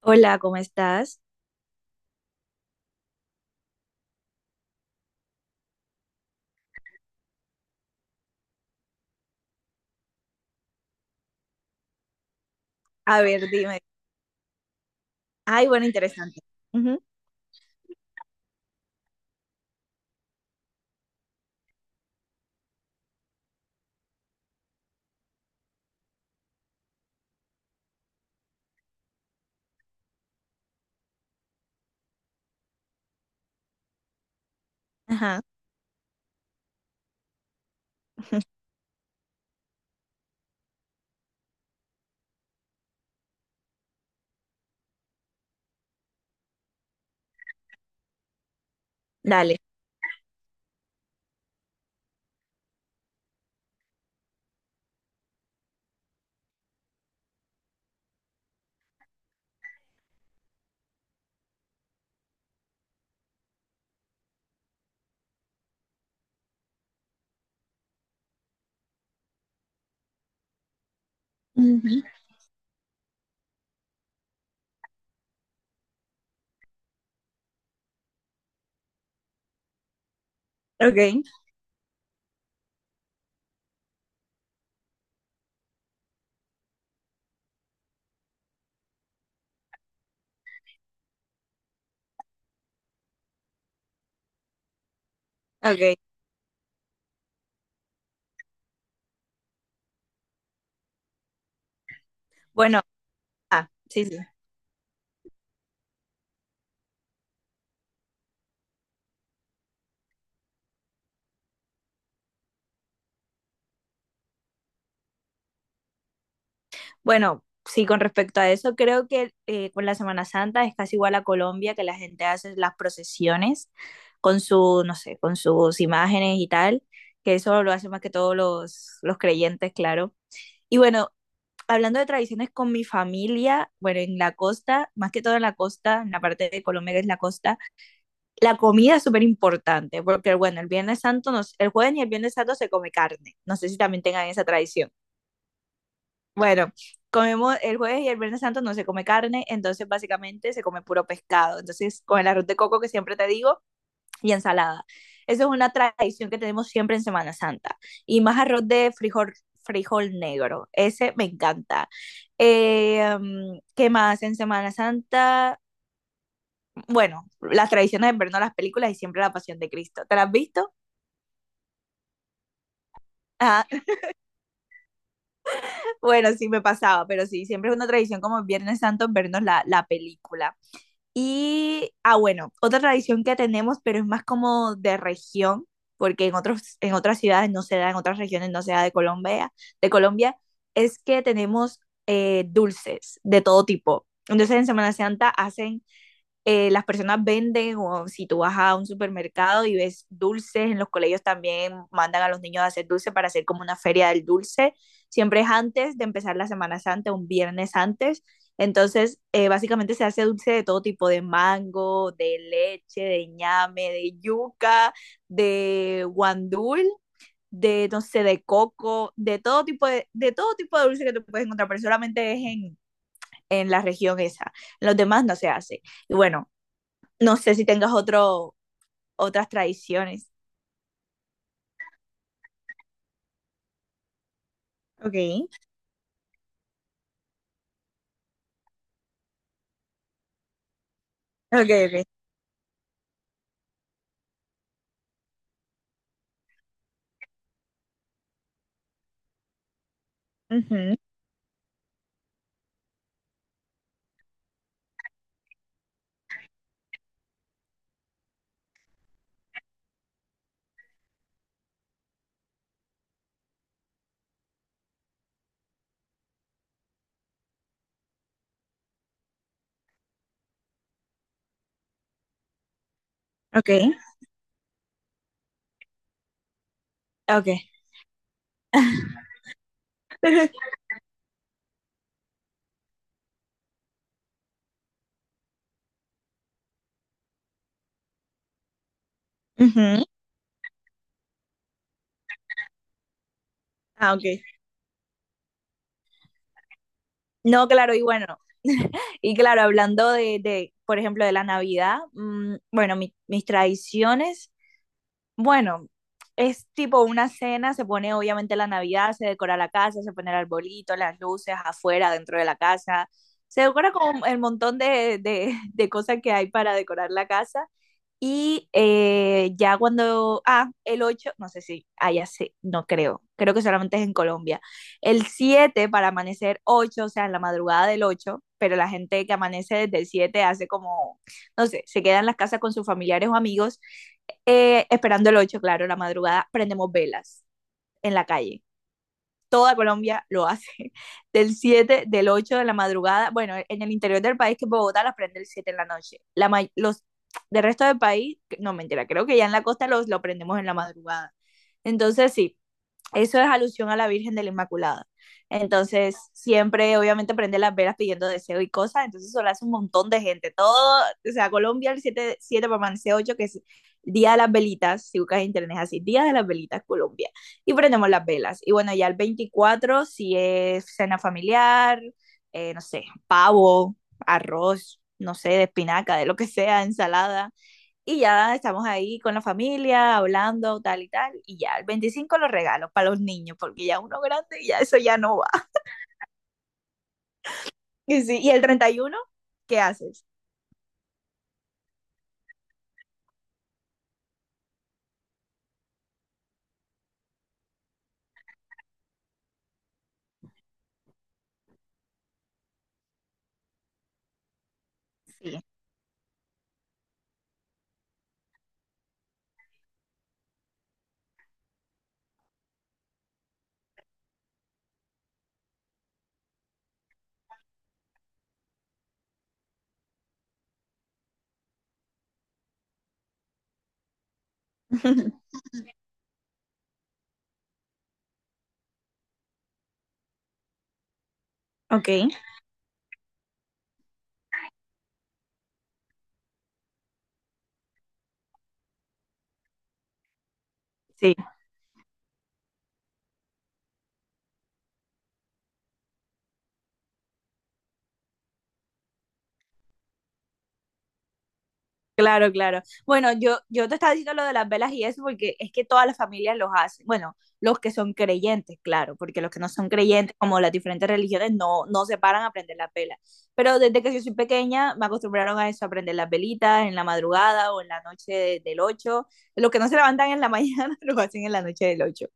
Hola, ¿cómo estás? A ver, dime. Ay, bueno, interesante. Ajá, dale. Ujú. Ok, ok. Bueno, ah, sí, sí. Bueno, sí, con respecto a eso, creo que con la Semana Santa es casi igual a Colombia, que la gente hace las procesiones con su, no sé, con sus imágenes y tal, que eso lo hacen más que todos los creyentes, claro. Y bueno, hablando de tradiciones con mi familia, bueno, en la costa, más que todo en la costa, en la parte de Colombia que es la costa. La comida es súper importante, porque bueno, el Viernes Santo, el jueves y el Viernes Santo se come carne. No sé si también tengan esa tradición. Bueno, comemos el jueves y el Viernes Santo no se come carne, entonces básicamente se come puro pescado. Entonces, con el arroz de coco que siempre te digo y ensalada. Esa es una tradición que tenemos siempre en Semana Santa. Y más arroz de frijol, frijol negro. Ese me encanta. ¿Qué más en Semana Santa? Bueno, las tradiciones de vernos las películas y siempre la Pasión de Cristo. ¿Te las has visto? Ah, bueno, sí me pasaba, pero sí, siempre es una tradición como Viernes Santo vernos la película. Y, ah, bueno, otra tradición que tenemos, pero es más como de región, porque en otros, en otras ciudades no se da, en otras regiones no se da de Colombia, de Colombia, es que tenemos dulces de todo tipo. Entonces en Semana Santa hacen las personas venden o si tú vas a un supermercado y ves dulces, en los colegios también mandan a los niños a hacer dulce para hacer como una feria del dulce. Siempre es antes de empezar la Semana Santa, un viernes antes. Entonces, básicamente se hace dulce de todo tipo, de mango, de leche, de ñame, de yuca, de guandul, de, no sé, de coco, de todo tipo de todo tipo de dulce que tú puedes encontrar, pero solamente es en la región esa. En los demás no se hace. Y bueno, no sé si tengas otro, otras tradiciones. Ok, ok, ok. Ujú. Ok, ok. Ujú. Ah, ok. No, claro, y bueno, y claro, hablando por ejemplo, de la Navidad, bueno, mis tradiciones, bueno, es tipo una cena, se pone obviamente la Navidad, se decora la casa, se pone el arbolito, las luces afuera, dentro de la casa, se decora con el montón de cosas que hay para decorar la casa. Y ya cuando, ah, el 8 no sé si, ah, ya sé, no creo, creo que solamente es en Colombia. El 7 para amanecer ocho, o sea, en la madrugada del ocho, pero la gente que amanece desde el 7 hace como, no sé, se queda en las casas con sus familiares o amigos, esperando el ocho, claro, la madrugada, prendemos velas en la calle, toda Colombia lo hace. Del 7, del 8 de la madrugada, bueno, en el interior del país, que Bogotá las prende el 7 en la noche. Los del resto del país, no mentira, creo que ya en la costa los lo prendemos en la madrugada. Entonces, sí, eso es alusión a la Virgen de la Inmaculada. Entonces, siempre, obviamente, prende las velas pidiendo deseo y cosas. Entonces, eso lo hace un montón de gente. Todo, o sea, Colombia, el 7, 7 para amanecer ocho, que es Día de las Velitas. Si buscas en internet es así, Día de las Velitas, Colombia. Y prendemos las velas. Y bueno, ya el 24 si es cena familiar, no sé, pavo, arroz, no sé, de espinaca, de lo que sea, ensalada. Y ya estamos ahí con la familia, hablando, tal y tal. Y ya el 25 los regalos para los niños, porque ya uno grande y ya eso ya no va. Y, sí, y el 31, ¿qué haces? Sí. Ok, sí. Claro, claro. Bueno, yo te estaba diciendo lo de las velas y eso porque es que todas las familias los hacen. Bueno, los que son creyentes, claro, porque los que no son creyentes, como las diferentes religiones, no, no se paran a prender las velas. Pero desde que yo soy pequeña me acostumbraron a eso, a prender las velitas en la madrugada o en la noche del 8. Los que no se levantan en la mañana lo hacen en la noche del 8.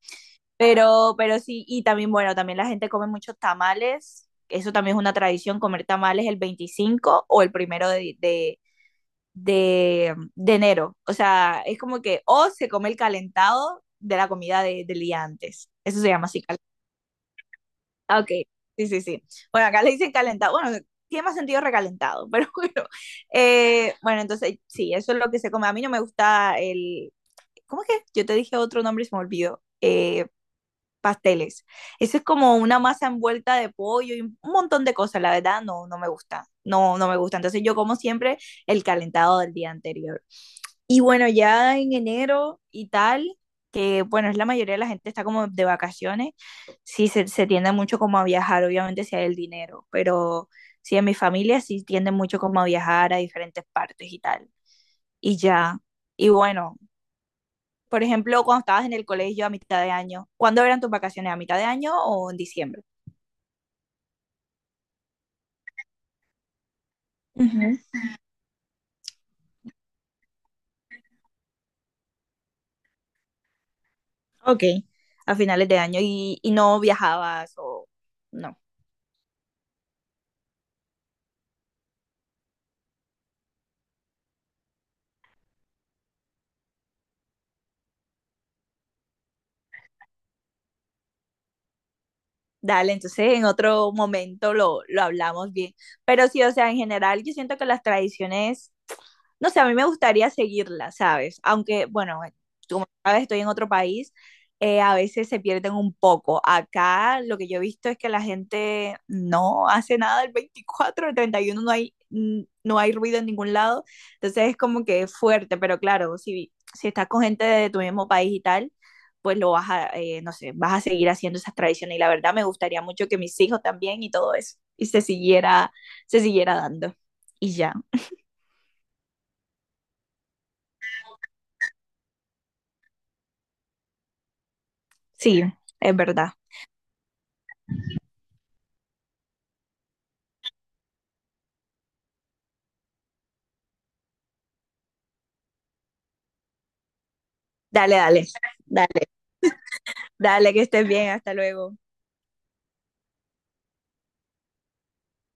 Pero sí, y también, bueno, también la gente come muchos tamales. Eso también es una tradición, comer tamales el 25 o el primero de de enero. O sea, es como que o se come el calentado de la comida del día antes. Eso se llama así. Cal- Ah, ok, sí, sí, sí. Bueno, acá le dicen calentado. Bueno, tiene más sentido recalentado, pero bueno. Bueno, entonces sí, eso es lo que se come. A mí no me gusta el... ¿Cómo es que? Yo te dije otro nombre y se me olvidó. Pasteles. Eso es como una masa envuelta de pollo y un montón de cosas. La verdad, no, no me gusta. No, no me gusta. Entonces yo como siempre el calentado del día anterior. Y bueno, ya en enero y tal, que bueno, es la mayoría de la gente está como de vacaciones, sí se tiende mucho como a viajar, obviamente si hay el dinero, pero sí en mi familia sí tiende mucho como a viajar a diferentes partes y tal. Y ya. Y bueno, por ejemplo, cuando estabas en el colegio a mitad de año, ¿cuándo eran tus vacaciones? ¿A mitad de año o en diciembre? Ujú. Ok, a finales de año y, no viajabas o no. Dale, entonces en otro momento lo hablamos bien. Pero sí, o sea, en general yo siento que las tradiciones, no sé, a mí me gustaría seguirlas, ¿sabes? Aunque, bueno, como sabes, estoy en otro país, a veces se pierden un poco. Acá lo que yo he visto es que la gente no hace nada el 24, el 31 no hay, no hay ruido en ningún lado, entonces es como que es fuerte, pero claro, si estás con gente de tu mismo país y tal, pues lo vas a, no sé, vas a seguir haciendo esas tradiciones. Y la verdad me gustaría mucho que mis hijos también y todo eso, y se siguiera dando. Y ya, sí, es verdad. Dale, dale, dale, que estés bien, hasta luego.